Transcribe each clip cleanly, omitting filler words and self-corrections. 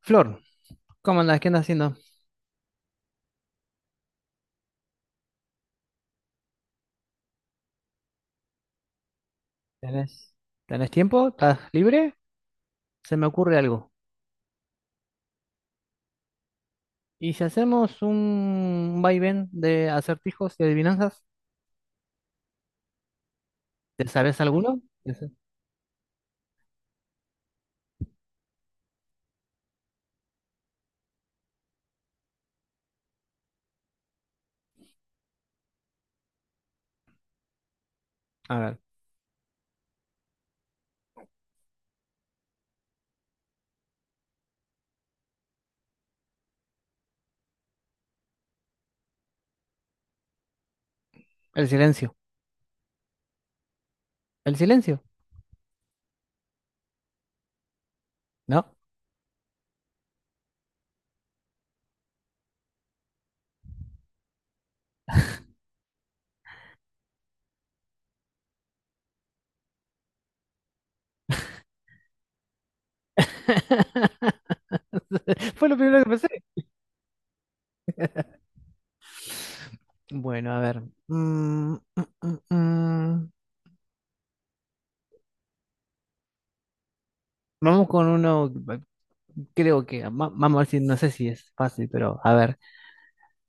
Flor, ¿cómo andás? ¿Qué andas haciendo? ¿Tenés, tenés tiempo? ¿Estás libre? Se me ocurre algo. ¿Y si hacemos un vaivén de acertijos y adivinanzas? ¿Te sabes alguno? Ese- A ver, el silencio. ¿El silencio? No. Fue lo primero que pensé. Bueno, a ver. Mm, mm, mm, mm. Vamos con uno, eh, creo que, vamos a ver si, no sé si es fácil, pero a ver.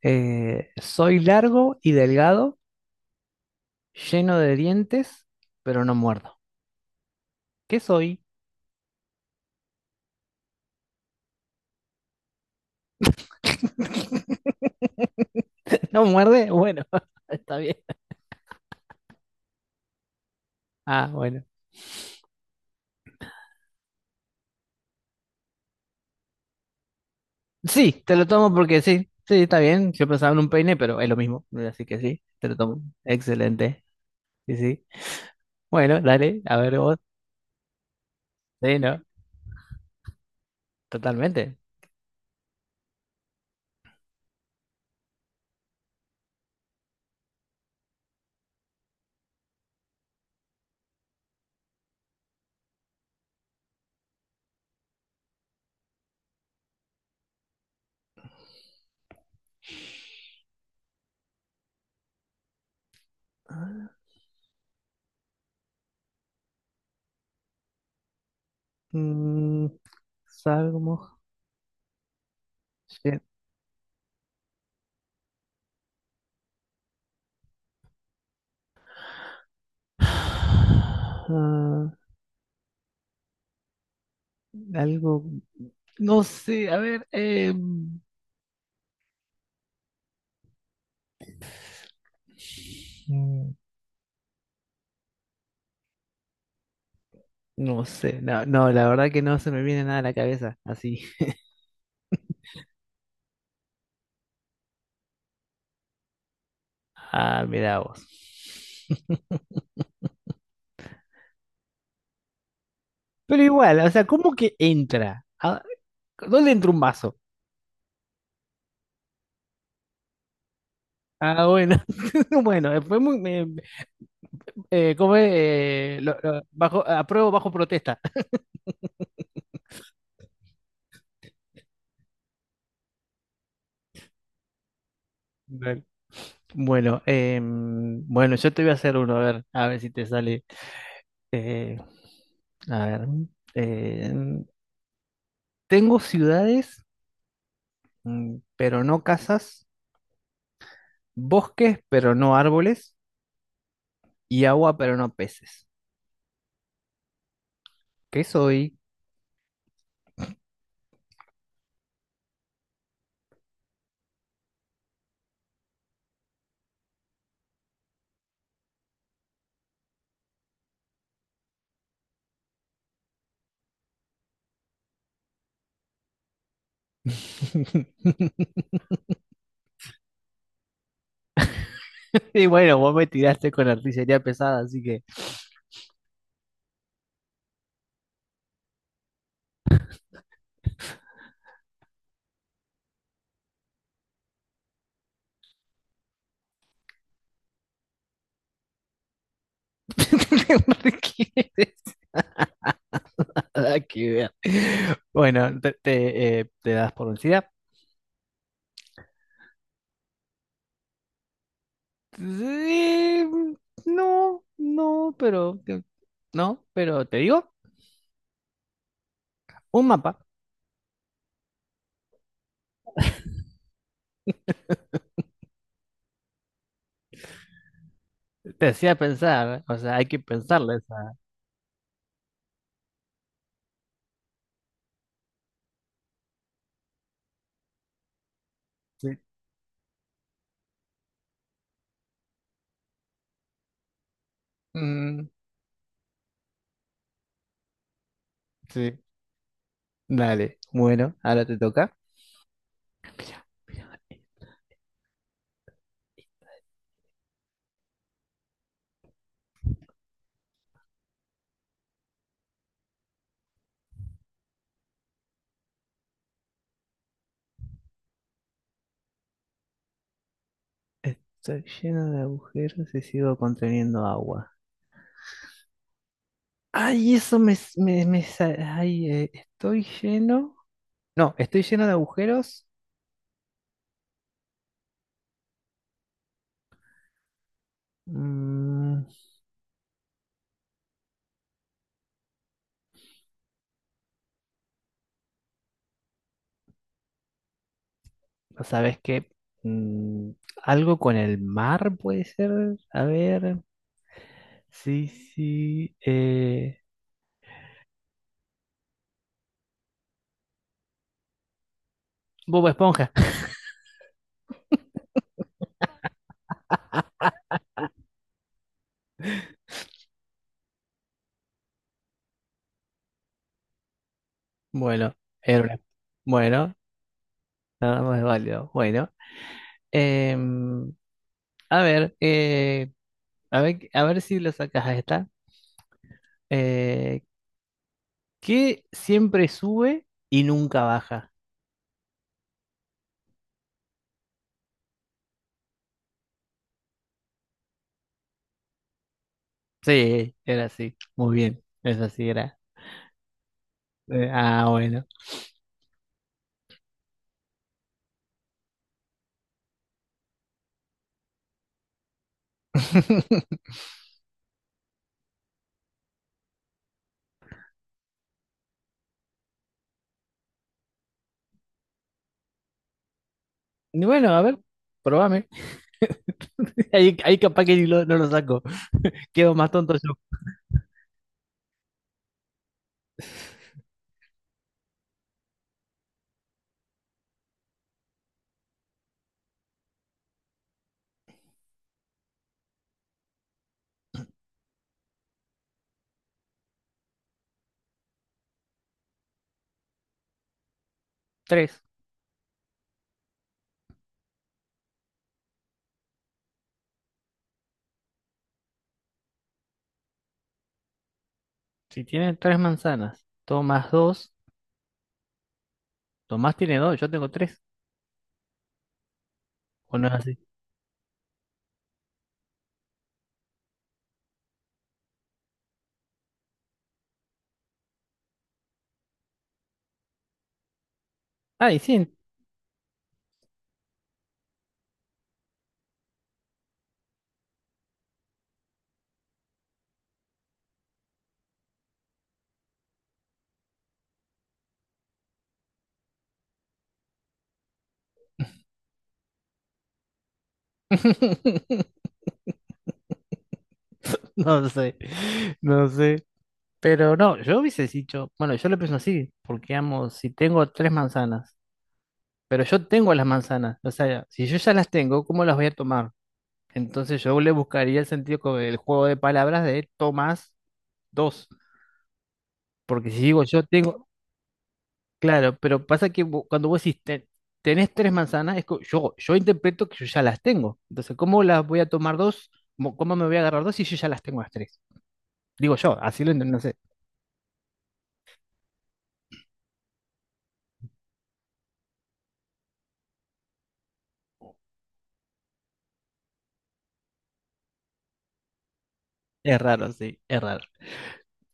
Soy largo y delgado, lleno de dientes, pero no muerdo. ¿Qué soy? ¿No muerde? Bueno, está bien. Ah, bueno. Sí, te lo tomo porque sí, sí, está bien. Yo pensaba en un peine, pero es lo mismo. Así que sí, te lo tomo. Excelente. Sí, sí. Bueno, dale, a ver vos. Sí, ¿no? Totalmente. Mm, salgo moj- sí. Ah, algo, no sé, a ver, no sé, no, no, la verdad que no se me viene nada a la cabeza, así. Ah, mira vos. Pero igual, o sea, ¿cómo que entra? Ah, ¿dónde entra un vaso? Ah, bueno, bueno, fue muy, ¿cómo es? Bajo, apruebo bajo protesta. Dale. Bueno, bueno, yo te voy a hacer uno, a ver si te sale. Eh, a ver, em, tengo ciudades, mm, pero no casas, bosques, pero no árboles, y agua, pero no peces. ¿Qué soy? Y bueno, vos me tiraste con artillería pesada, así que no requieres nada que ver. Bueno, ¿te das por vencida? Sí, no, no, pero no, pero te digo, un mapa te hacía pensar, o sea, hay que pensarle esa. Sí. Mm, sí, dale. Bueno, ahora te toca. Está lleno de agujeros y sigo conteniendo agua. Ay, eso me, s- me sa- ay, estoy lleno. No, estoy lleno de agujeros. Mm, ¿no ¿sabes qué? Mm, algo con el mar puede ser. A ver. Sí, sí. Bob Esponja. Bueno, era una- bueno, nada más válido. Bueno, em, a ver, a ver, a ver si lo sacas a esta. Eh, ¿Qué siempre sube y nunca baja? Sí, era así. Muy bien. Eso sí era. Bueno. Y bueno, a ver, probame. Ahí, capaz que ni lo- no lo saco. Quedo más tonto yo. Tres. Si tiene tres manzanas, Tomás dos. Tomás tiene dos, yo tengo tres. ¿O no es así? Ay, sí. No sé. No sé. Pero no, yo hubiese dicho, bueno, yo lo pienso así, porque amo, si tengo tres manzanas, pero yo tengo las manzanas, o sea, si yo ya las tengo, ¿cómo las voy a tomar? Entonces yo le buscaría el sentido con el juego de palabras de Tomás dos. Porque si digo yo tengo, claro, pero pasa que cuando vos decís "Ten- tenés tres manzanas", es que yo interpreto que yo ya las tengo. Entonces, ¿cómo las voy a tomar dos? ¿Cómo me voy a agarrar dos si yo ya las tengo las tres? Digo yo, así lo entiendo, no sé. Es raro, sí, es raro.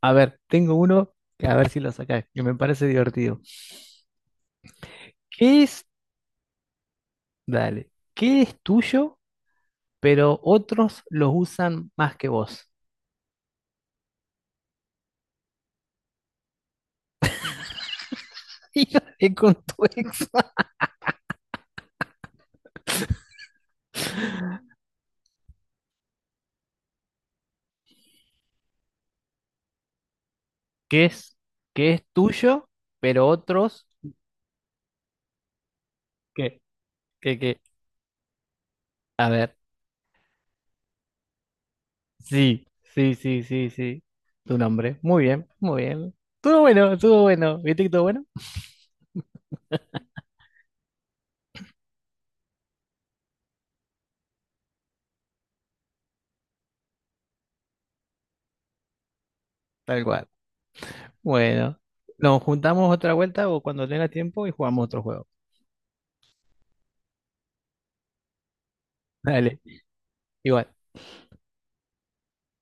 A ver, tengo uno que a ver si lo sacás, que me parece divertido. ¿Qué es? Dale, ¿qué es tuyo, pero otros los usan más que vos? Hija con tu ex. que es, que es tuyo, pero otros que, que, que, a ver, sí, sí, sí, sí, sí, tu nombre, muy bien, todo bueno, ¿viste que todo bueno? Tal cual, bueno, nos juntamos otra vuelta o cuando tenga tiempo y jugamos otro juego, dale, igual.